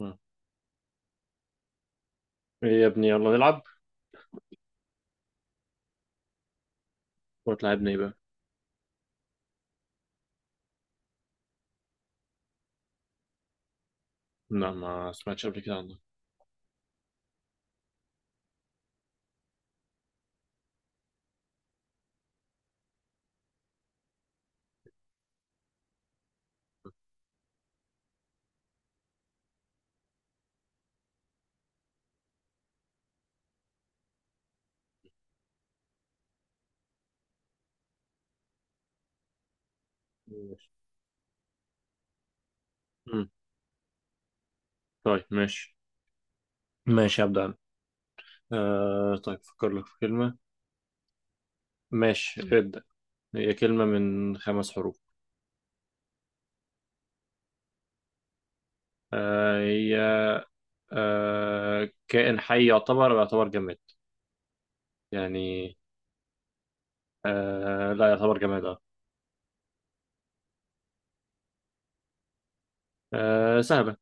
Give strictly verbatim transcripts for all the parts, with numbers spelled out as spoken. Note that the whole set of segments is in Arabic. مم. ايه يا ابني، يلا نلعب. ولا تلعبنا ايه بقى؟ لا، ما سمعتش قبل كده عنه. ماشي. مم. طيب. ماشي. ماشي، ابدا انا. آه طيب، فكر لك في كلمة. ماشي. مم. ابدا. هي كلمة من خمس حروف. آه هي آه كائن حي، يعتبر أو يعتبر جماد. يعني آه لا، يعتبر جماد. اه. آه، سهلة.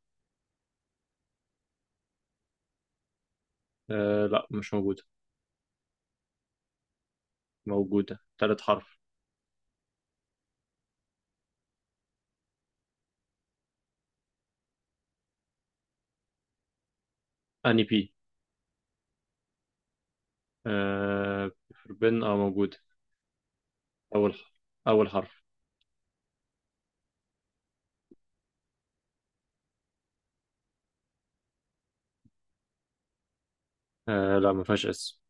آه لا، مش موجودة. موجودة تالت حرف. اني بي. آه بن. اه، موجودة. اول حرف اول حرف آه لا، ما فيهاش اس.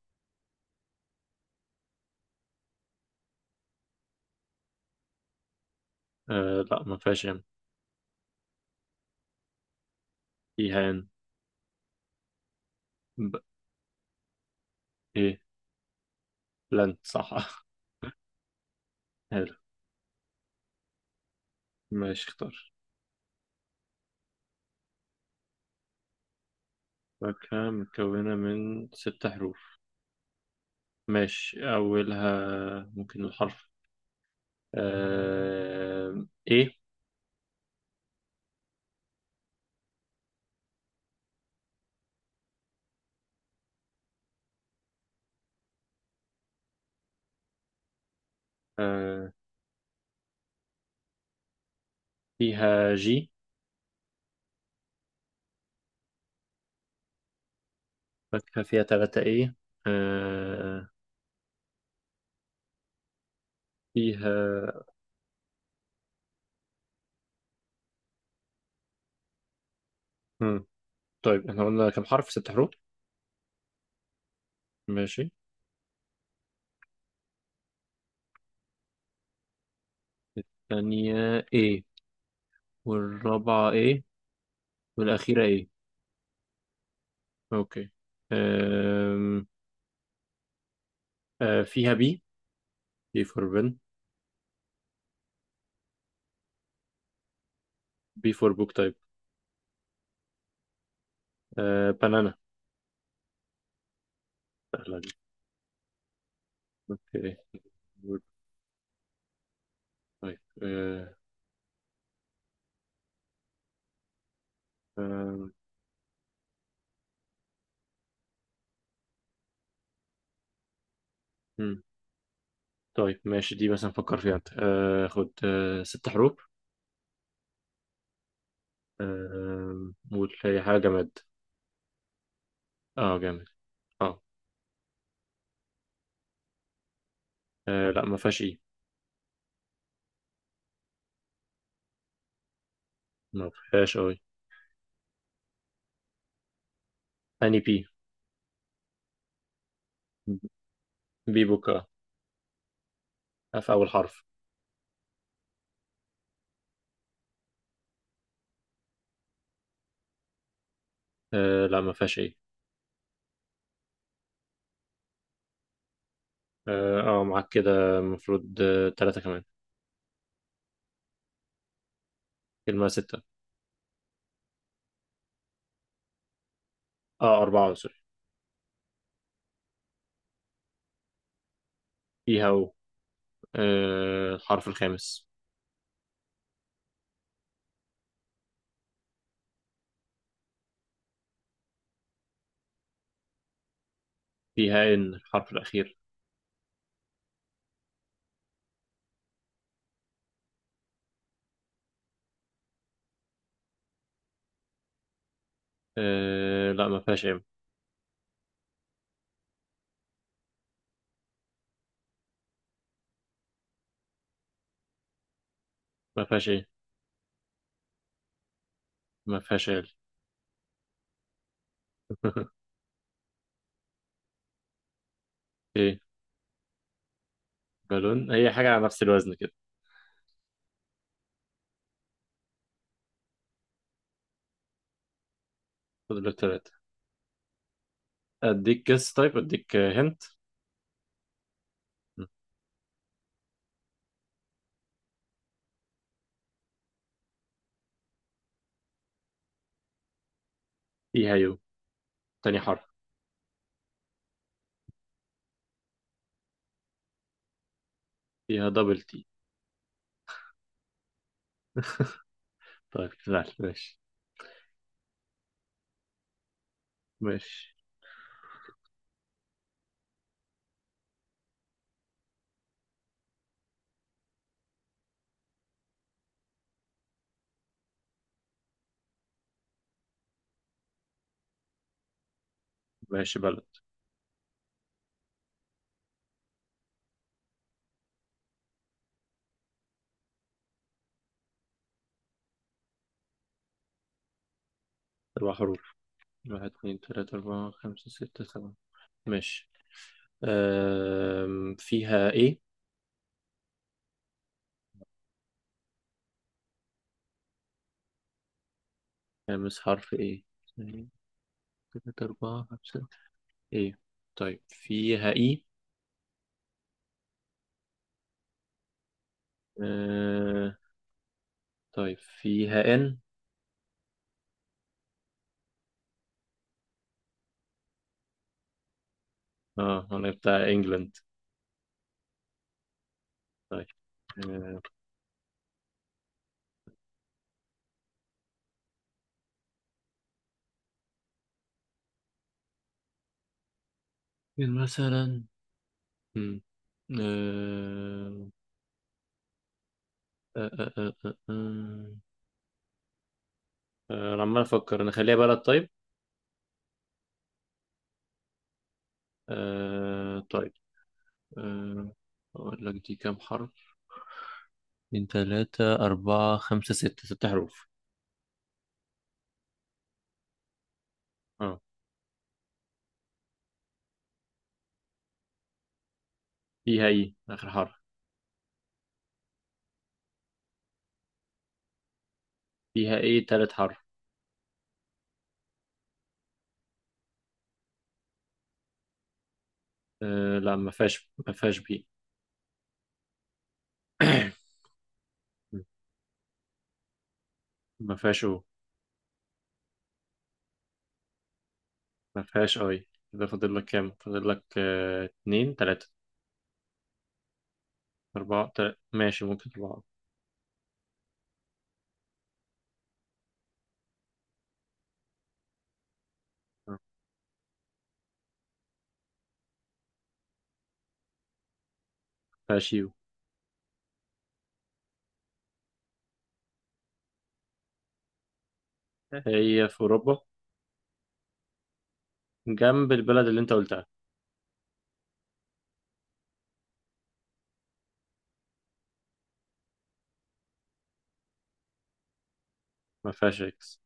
آه لا، ما فيهاش ام. ايهان. ب... ايه. لن، صح. حلو. ماشي، اختار. فاكهة مكونة من ست حروف. ماشي، أولها ممكن الحرف. آه... إيه. آه... فيها جي. فاكهة فيها تلاتة إيه. آه... فيها. مم. طيب، احنا قلنا كم حرف؟ ست حروف. ماشي. الثانية إيه، والرابعة إيه، والأخيرة إيه. أوكي. آم... آه فيها بي دي فور. بي فور بوك تايب. آه بنانا. سهلة دي. اوكي. بوك تايب. آه. آه. مم. طيب، ماشي. دي مثلا فكر فيها انت. آه خد آه ست حروف. آه قول، هي حاجة جماد. اه، جامد. اه. آه، لا، ما فيهاش اي. ما فيهاش اي. اني بي. بي بوك. اه. آه، في اول حرف. آه لا، ما فيهاش اي. اه. آه، معاك كده. المفروض آه تلاتة كمان. كلمة ستة. اه، أربعة، سوري. فيها او. آه الحرف الخامس. فيها ان الحرف الأخير. أه لا، ما فيهاش ايه. ما فيهاش ايه. ما فيهاش ايه. ايه؟ بالون. هي حاجة على نفس الوزن كده. فاضل لك تلاتة. اديك جس، طيب اديك هنت. فيها يو. تاني حرف. فيها دبل تي. طيب، لا. ماشي. ماشي. ماشي. بلد. أربع حروف. واحد، اتنين، تلاتة، أربعة، خمسة، ستة، سبعة. ماشي. أم... فيها ايه؟ خامس حرف. ايه اتنين، تلاتة، أربعة، خمسة. ايه. طيب، فيها اي. أه... طيب، فيها ان. اه، انا بتاع انجلند. طيب. آه، مين مثلا؟ مم. آه، آه، آه، آه، آه، آه. آه، آه، انا عمال افكر، نخليها بلد طيب. آه، طيب. آه، اقول لك دي كام حرف. من ثلاثة، أربعة، خمسة، ستة، ست حروف. اه. فيها ايه اخر حرف. فيها ايه تالت حرف. آه، لا، ما فيهاش ما فيهاش بي. ما فيهاش او. ما فيهاش اي. كده فاضل لك كام؟ فاضل لك آه، اتنين، تلاتة، أربعة. تلاتة. ماشي، ممكن أربعة. فاشيو. هي في أوروبا، جنب البلد اللي أنت قلتها. ما فيهاش إكس.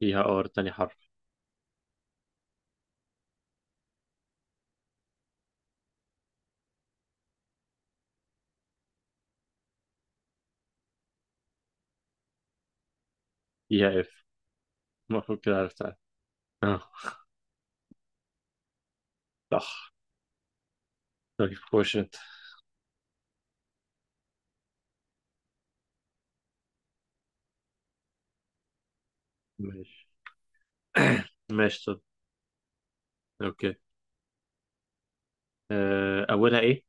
فيها آر تاني حرف. فيها إف. المفروض كده عرفتها. أه، صح. طيب، خش أنت. ماشي. ماشي. طب أوكي. أه، أولها إيه؟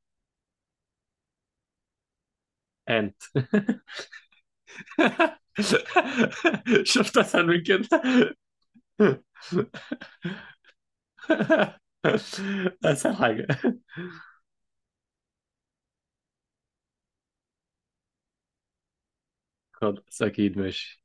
أنت. شفت أسهل من كده؟ أسهل حاجة. خلاص، أكيد. ماشي.